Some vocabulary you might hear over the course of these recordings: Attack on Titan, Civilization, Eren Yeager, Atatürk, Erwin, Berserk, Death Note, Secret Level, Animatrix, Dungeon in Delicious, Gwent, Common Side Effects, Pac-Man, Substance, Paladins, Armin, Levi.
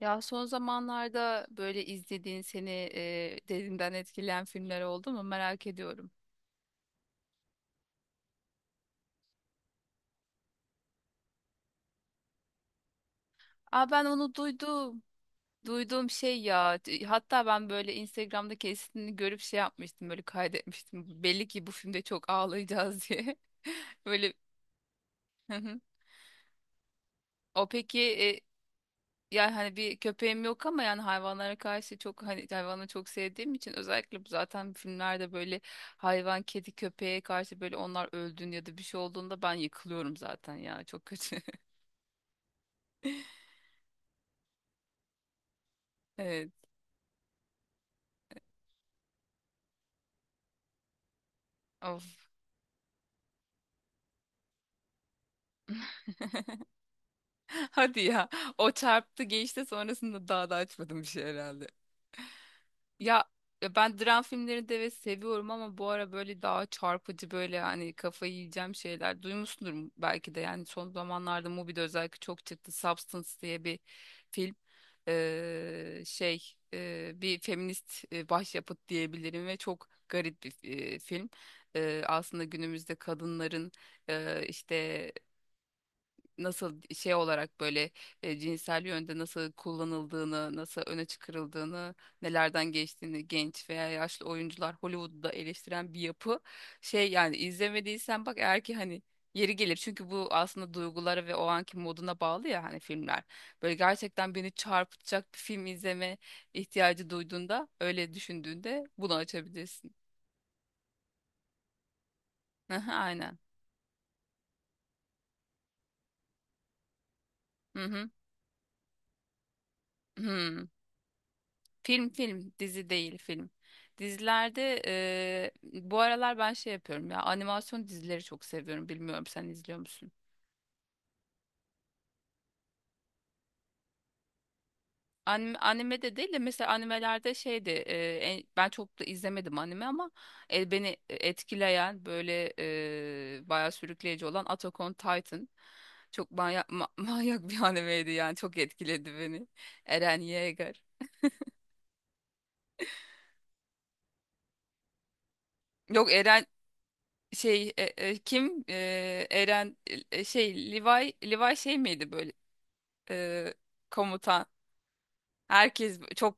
Ya son zamanlarda böyle izlediğin seni derinden etkileyen filmler oldu mu merak ediyorum. Aa ben onu duydum. Duyduğum şey ya. Hatta ben böyle Instagram'da kesitini görüp şey yapmıştım böyle kaydetmiştim. Belli ki bu filmde çok ağlayacağız diye. Böyle. Hı hı. O peki. Yani hani bir köpeğim yok ama yani hayvanlara karşı çok hani hayvanı çok sevdiğim için özellikle bu zaten filmlerde böyle hayvan, kedi, köpeğe karşı böyle onlar öldüğünde ya da bir şey olduğunda ben yıkılıyorum zaten ya çok kötü. Evet. Of. Hadi ya. O çarptı geçti, sonrasında daha da açmadım bir şey herhalde. Ya ya ben dram filmlerini de evet seviyorum ama bu ara böyle daha çarpıcı böyle hani kafayı yiyeceğim şeyler duymuşsundur belki de, yani son zamanlarda Mubi'de özellikle çok çıktı Substance diye bir film. Şey, bir feminist başyapıt diyebilirim ve çok garip bir film. Aslında günümüzde kadınların işte nasıl şey olarak böyle cinsel yönde nasıl kullanıldığını, nasıl öne çıkarıldığını, nelerden geçtiğini genç veya yaşlı oyuncular Hollywood'da eleştiren bir yapı. Şey, yani izlemediysen bak, eğer ki hani yeri gelir, çünkü bu aslında duygulara ve o anki moduna bağlı ya hani filmler. Böyle gerçekten beni çarpıtacak bir film izleme ihtiyacı duyduğunda, öyle düşündüğünde bunu açabilirsin. Aynen. Hı hı. Hı. Film film dizi değil, film. Dizilerde bu aralar ben şey yapıyorum ya, animasyon dizileri çok seviyorum. Bilmiyorum, sen izliyor musun? Anime, anime de değil de mesela animelerde şeydi, ben çok da izlemedim anime ama beni etkileyen böyle, bayağı sürükleyici olan Attack on Titan. Çok manyak, manyak bir animeydi yani, çok etkiledi beni. Eren Yeager. Yok Eren şey kim, Eren, şey, Levi şey miydi böyle. E, Komutan, herkes çok,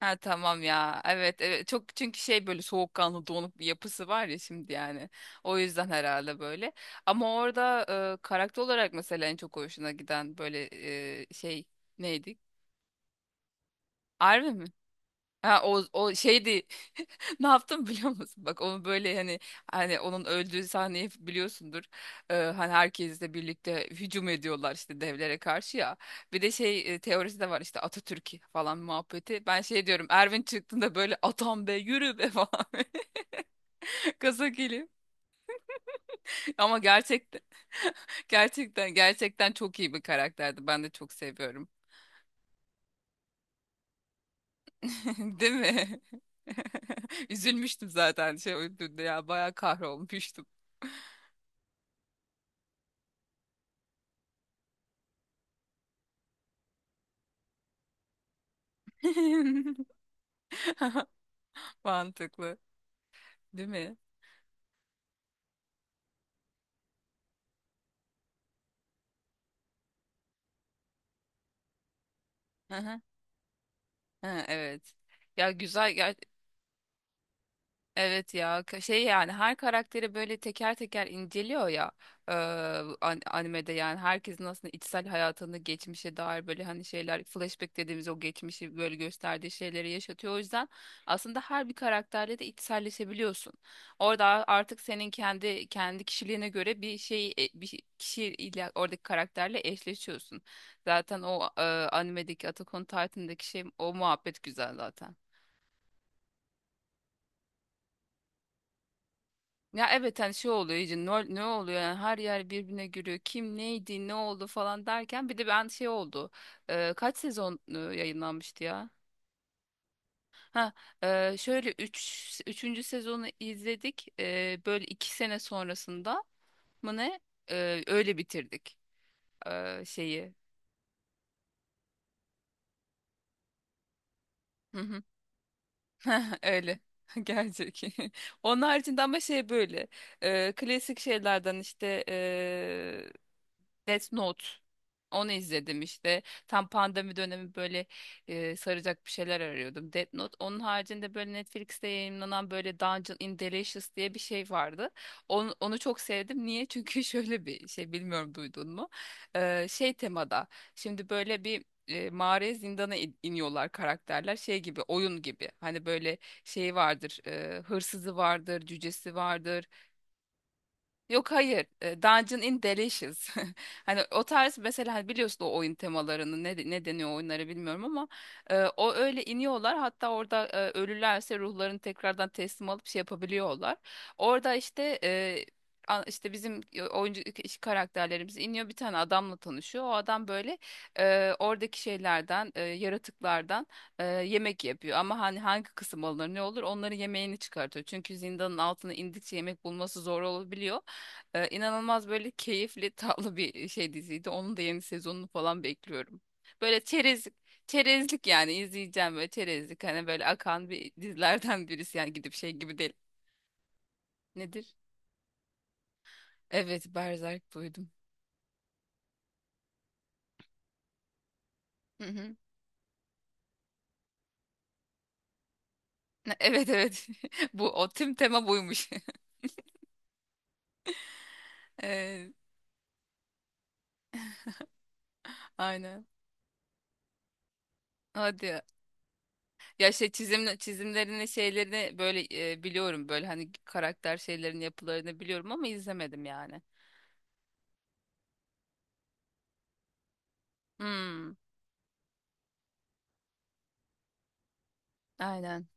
ha tamam ya, evet evet, çok çünkü şey böyle soğukkanlı donuk bir yapısı var ya şimdi yani, o yüzden herhalde böyle. Ama orada karakter olarak mesela en çok hoşuna giden böyle şey, neydi? Armin mi? Ha, o şeydi. Ne yaptım biliyor musun? Bak, onu böyle hani, onun öldüğü sahneyi biliyorsundur. Hani herkesle birlikte hücum ediyorlar işte devlere karşı ya. Bir de şey, teorisi de var işte, Atatürk falan muhabbeti. Ben şey diyorum, Erwin çıktığında böyle, atam be, yürü be falan gaza geliyor. Ama gerçekten gerçekten gerçekten çok iyi bir karakterdi. Ben de çok seviyorum. Değil mi? Üzülmüştüm zaten şey öldüğünde ya, bayağı kahrolmuştum. Mantıklı, değil mi? Hı hı. Ha, evet. Ya güzel ya. Evet ya şey, yani her karakteri böyle teker teker inceliyor ya e, animede. Yani herkesin aslında içsel hayatını, geçmişe dair böyle hani şeyler, flashback dediğimiz o geçmişi böyle gösterdiği şeyleri yaşatıyor. O yüzden aslında her bir karakterle de içselleşebiliyorsun. Orada artık senin kendi kişiliğine göre bir şey, kişiyle, oradaki karakterle eşleşiyorsun. Zaten o animedeki, Attack on Titan'daki şey, o muhabbet güzel zaten. Ya evet, hani şey oluyor iyice, ne oluyor yani, her yer birbirine giriyor, kim neydi ne oldu falan derken bir de ben şey oldu. Kaç sezon yayınlanmıştı ya? Ha, şöyle üçüncü sezonu izledik. Böyle 2 sene sonrasında mı ne. Öyle bitirdik, şeyi. Hı hı. Öyle. Gerçek. Onun haricinde ama şey böyle, klasik şeylerden işte, Death Note. Onu izledim işte. Tam pandemi dönemi böyle saracak bir şeyler arıyordum. Death Note. Onun haricinde böyle Netflix'te yayınlanan böyle Dungeon in Delicious diye bir şey vardı. Onu çok sevdim. Niye? Çünkü şöyle bir şey, bilmiyorum duydun mu? Şey temada. Şimdi böyle bir mağaraya, zindana iniyorlar karakterler. Şey gibi, oyun gibi. Hani böyle şey vardır, hırsızı vardır, cücesi vardır. Yok hayır. Dungeon in Delicious. Hani o tarz, mesela hani biliyorsun o oyun temalarını, ne deniyor o oyunlara bilmiyorum ama o, öyle iniyorlar. Hatta orada ölürlerse ruhlarını tekrardan teslim alıp şey yapabiliyorlar. Orada işte işte bizim oyuncu karakterlerimiz iniyor, bir tane adamla tanışıyor. O adam böyle oradaki şeylerden, yaratıklardan yemek yapıyor. Ama hani hangi kısım alınır ne olur, onların yemeğini çıkartıyor. Çünkü zindanın altına indikçe yemek bulması zor olabiliyor. İnanılmaz böyle keyifli tatlı bir şey diziydi. Onun da yeni sezonunu falan bekliyorum. Böyle çerezlik yani, izleyeceğim böyle çerezlik hani, böyle akan bir dizilerden birisi yani, gidip şey gibi değil. Nedir? Evet, Berserk duydum. Hı hı. Evet evet. Bu o, tüm tema buymuş. Evet, aynen. Hadi ya. Ya şey, çizimlerini şeylerini böyle biliyorum, böyle hani karakter şeylerin yapılarını biliyorum ama izlemedim yani. Hmm, aynen.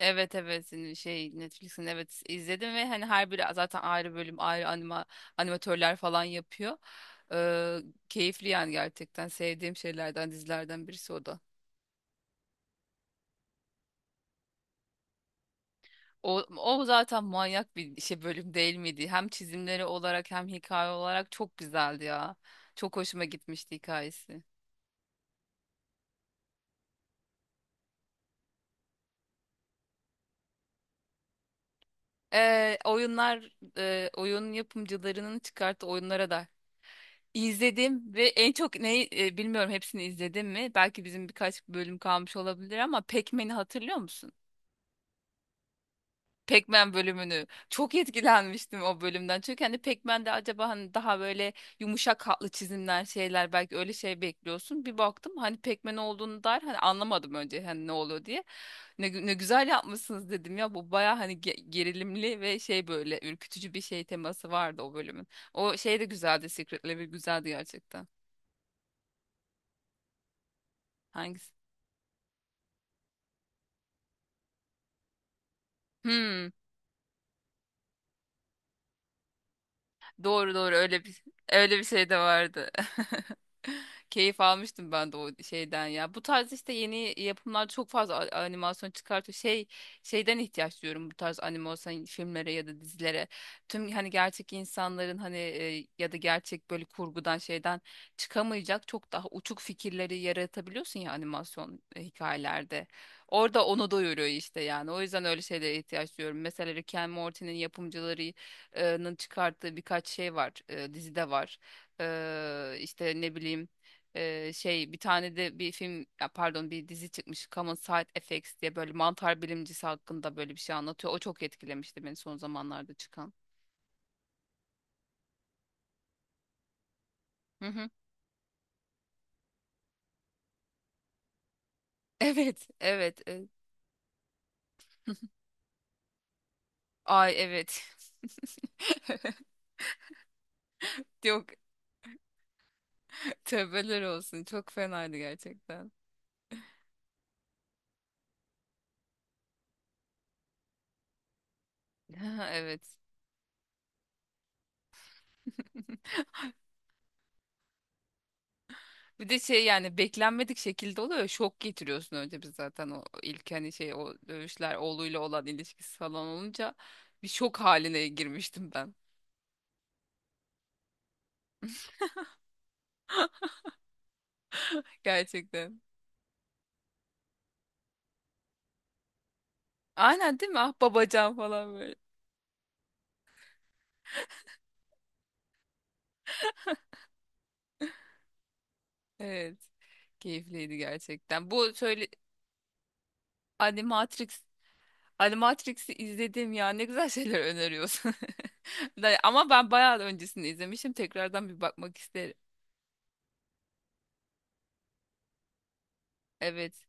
Evet evet, senin şey, Netflix'in, evet izledim ve hani her biri zaten ayrı bölüm, ayrı animatörler falan yapıyor. Ee, Keyifli yani, gerçekten sevdiğim şeylerden, dizilerden birisi o da. O zaten manyak bir şey, bölüm değil miydi? Hem çizimleri olarak hem hikaye olarak çok güzeldi ya. Çok hoşuma gitmişti hikayesi. Oyunlar, oyun yapımcılarının çıkarttığı oyunlara da. İzledim ve en çok neyi, bilmiyorum hepsini izledim mi? Belki bizim birkaç bölüm kalmış olabilir ama Pac-Man'i hatırlıyor musun? Pac-Man bölümünü. Çok etkilenmiştim o bölümden. Çünkü hani Pac-Man'de acaba hani daha böyle yumuşak hatlı çizimler, şeyler belki, öyle şey bekliyorsun. Bir baktım hani Pac-Man olduğunu dair, hani anlamadım önce, hani ne oluyor diye. Ne güzel yapmışsınız dedim ya, bu baya hani gerilimli ve şey, böyle ürkütücü bir şey teması vardı o bölümün. O şey de güzeldi, Secret Level güzeldi gerçekten. Hangisi? Hmm, doğru doğru, öyle bir şey de vardı. Keyif almıştım ben de o şeyden ya. Bu tarz işte, yeni yapımlarda çok fazla animasyon çıkartıyor. Şey, ihtiyaç duyuyorum bu tarz animasyon filmlere ya da dizilere. Tüm hani gerçek insanların hani ya da gerçek böyle, kurgudan, şeyden çıkamayacak çok daha uçuk fikirleri yaratabiliyorsun ya animasyon hikayelerde. Orada onu doyuruyor işte yani. O yüzden öyle şeylere ihtiyaç duyuyorum. Mesela Rick and Morty'nin yapımcılarının çıkarttığı birkaç şey var. Dizide var. İşte ne bileyim, şey, bir tane de bir film ya pardon, bir dizi çıkmış Common Side Effects diye, böyle mantar bilimcisi hakkında böyle bir şey anlatıyor. O çok etkilemişti beni, son zamanlarda çıkan. Hı hı. Evet, evet, evet. Ay evet. Yok, tövbeler olsun. Çok fenaydı gerçekten. Ha, evet. Bir de şey yani, beklenmedik şekilde oluyor. Ya, şok getiriyorsun. Önce biz zaten o ilk hani şey, o dövüşler, oğluyla olan ilişkisi falan olunca bir şok haline girmiştim ben. Gerçekten. Aynen, değil mi? Ah, babacan falan böyle. Evet. Keyifliydi gerçekten. Bu söyle, Animatrix Animatrix'i izledim ya. Ne güzel şeyler öneriyorsun. Ama ben bayağı öncesini izlemişim. Tekrardan bir bakmak isterim. Evet.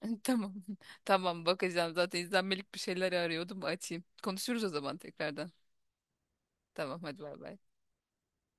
Tamam. Tamam bakacağım. Zaten izlenmelik bir şeyler arıyordum. Açayım. Konuşuruz o zaman tekrardan. Tamam hadi, bay bay.